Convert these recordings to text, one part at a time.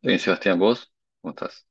Bien, Sebastián, ¿vos? ¿Cómo estás?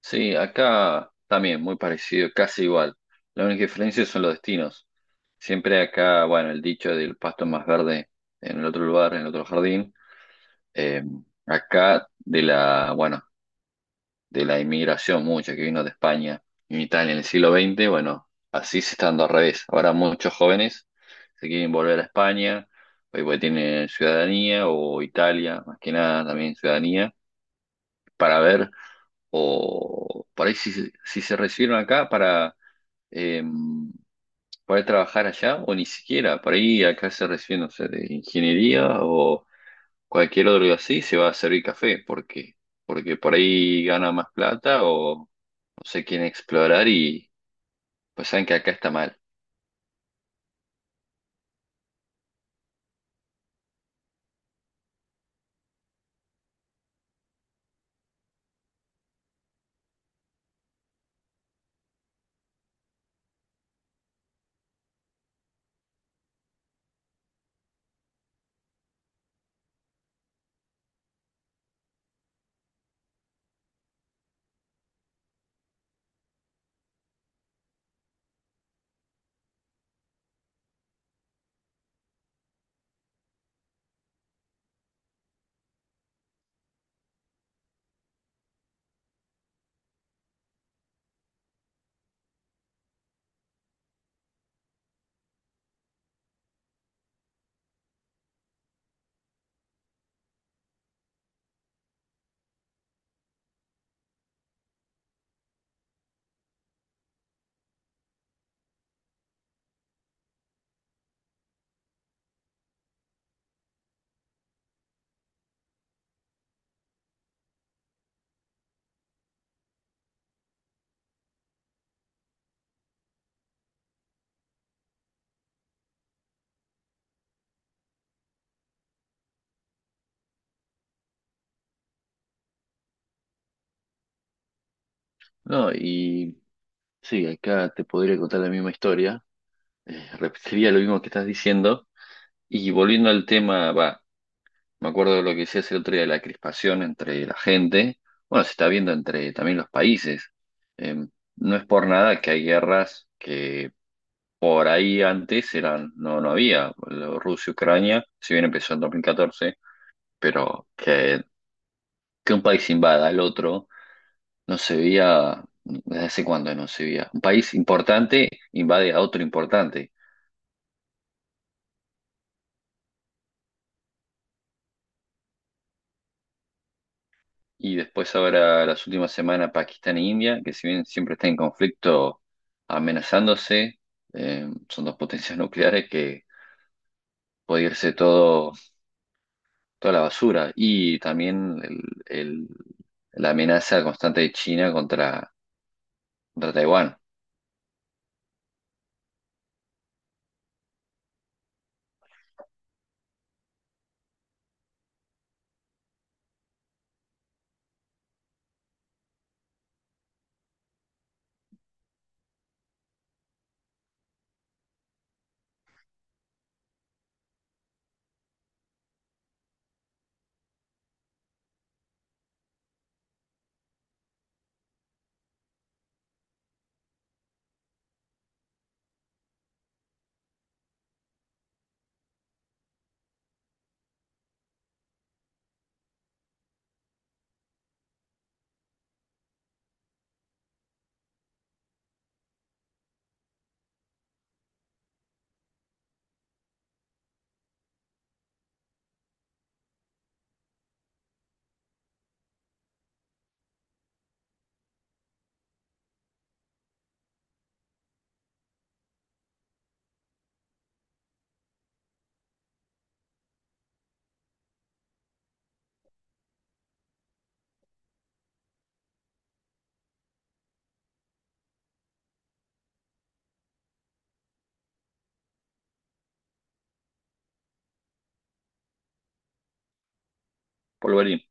Sí, acá también, muy parecido, casi igual. La única diferencia son los destinos. Siempre acá, bueno, el dicho del pasto es más verde en el otro lugar, en el otro jardín. Eh, acá de la, bueno, de la inmigración mucha que vino de España y Italia en el siglo XX, bueno, así se está dando al revés. Ahora muchos jóvenes se quieren volver a España, pues porque tienen ciudadanía, o Italia, más que nada también ciudadanía, para ver o por ahí si se recibieron acá para eh, poder trabajar allá, o ni siquiera, por ahí acá se reciben, no sé, de ingeniería o cualquier otro así, se va a servir café, porque por ahí gana más plata o no sé quién explorar y pues saben que acá está mal. No, y sí, acá te podría contar la misma historia, repetiría lo mismo que estás diciendo, y volviendo al tema, va. Me acuerdo de lo que decías el otro día de la crispación entre la gente. Bueno, se está viendo entre también los países. Eh, no es por nada que hay guerras que por ahí antes eran, no, no había. Rusia-Ucrania, si bien empezó en 2014, pero que un país invada al otro no se veía desde hace cuándo no se veía. Un país importante invade a otro importante. Y después ahora las últimas semanas Pakistán e India, que si bien siempre están en conflicto amenazándose, son dos potencias nucleares que puede irse todo, toda la basura. Y también el- la amenaza constante de China contra Taiwán, por Berlín.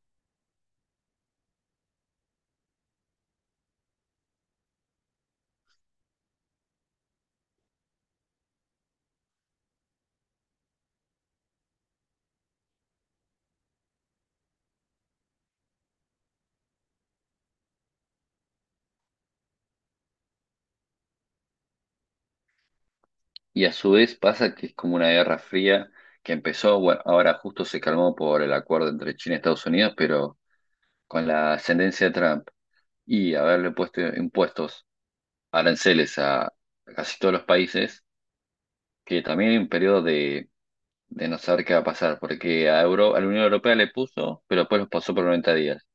Y a su vez pasa que es como una guerra fría que empezó, bueno, ahora justo se calmó por el acuerdo entre China y Estados Unidos, pero con la ascendencia de Trump y haberle puesto impuestos aranceles a casi todos los países, que también hay un periodo de no saber qué va a pasar, porque a la Unión Europea le puso, pero después los pasó por 90 días.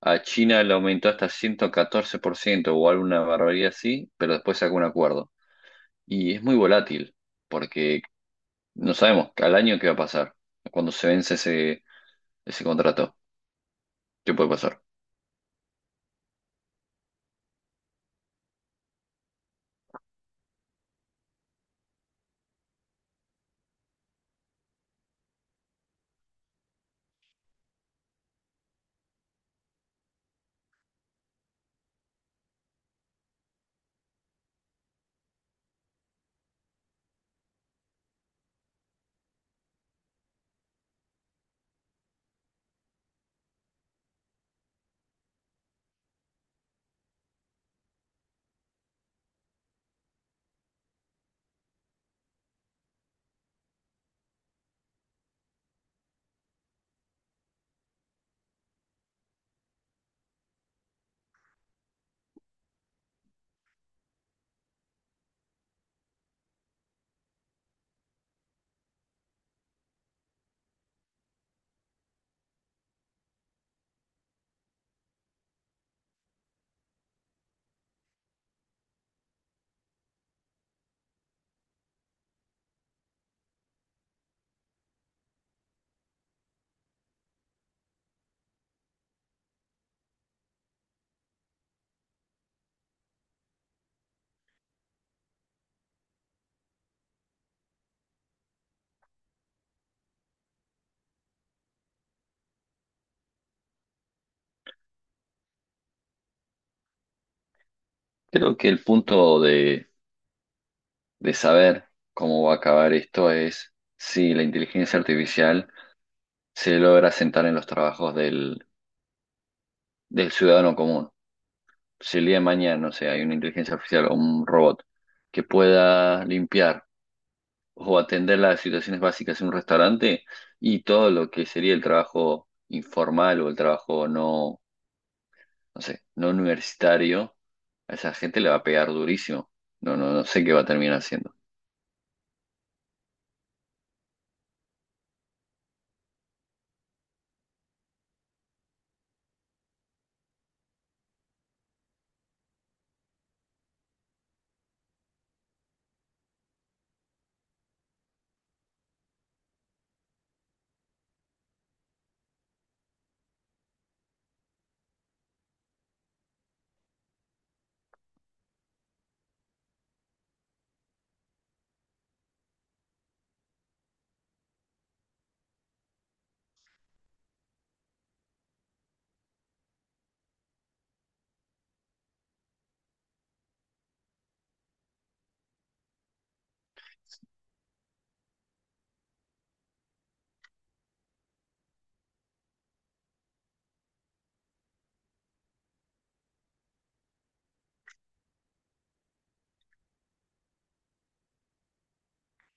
A China le aumentó hasta 114% o alguna barbaridad así, pero después sacó un acuerdo. Y es muy volátil, porque no sabemos al año qué va a pasar, cuando se vence ese contrato, qué puede pasar. Creo que el punto de saber cómo va a acabar esto es si la inteligencia artificial se logra sentar en los trabajos del ciudadano común. Si el día de mañana, no sé, hay una inteligencia artificial o un robot que pueda limpiar o atender las situaciones básicas en un restaurante y todo lo que sería el trabajo informal o el trabajo no, no sé, no universitario, a esa gente le va a pegar durísimo. No, no, no sé qué va a terminar haciendo.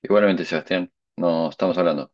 Igualmente, Sebastián, nos estamos hablando.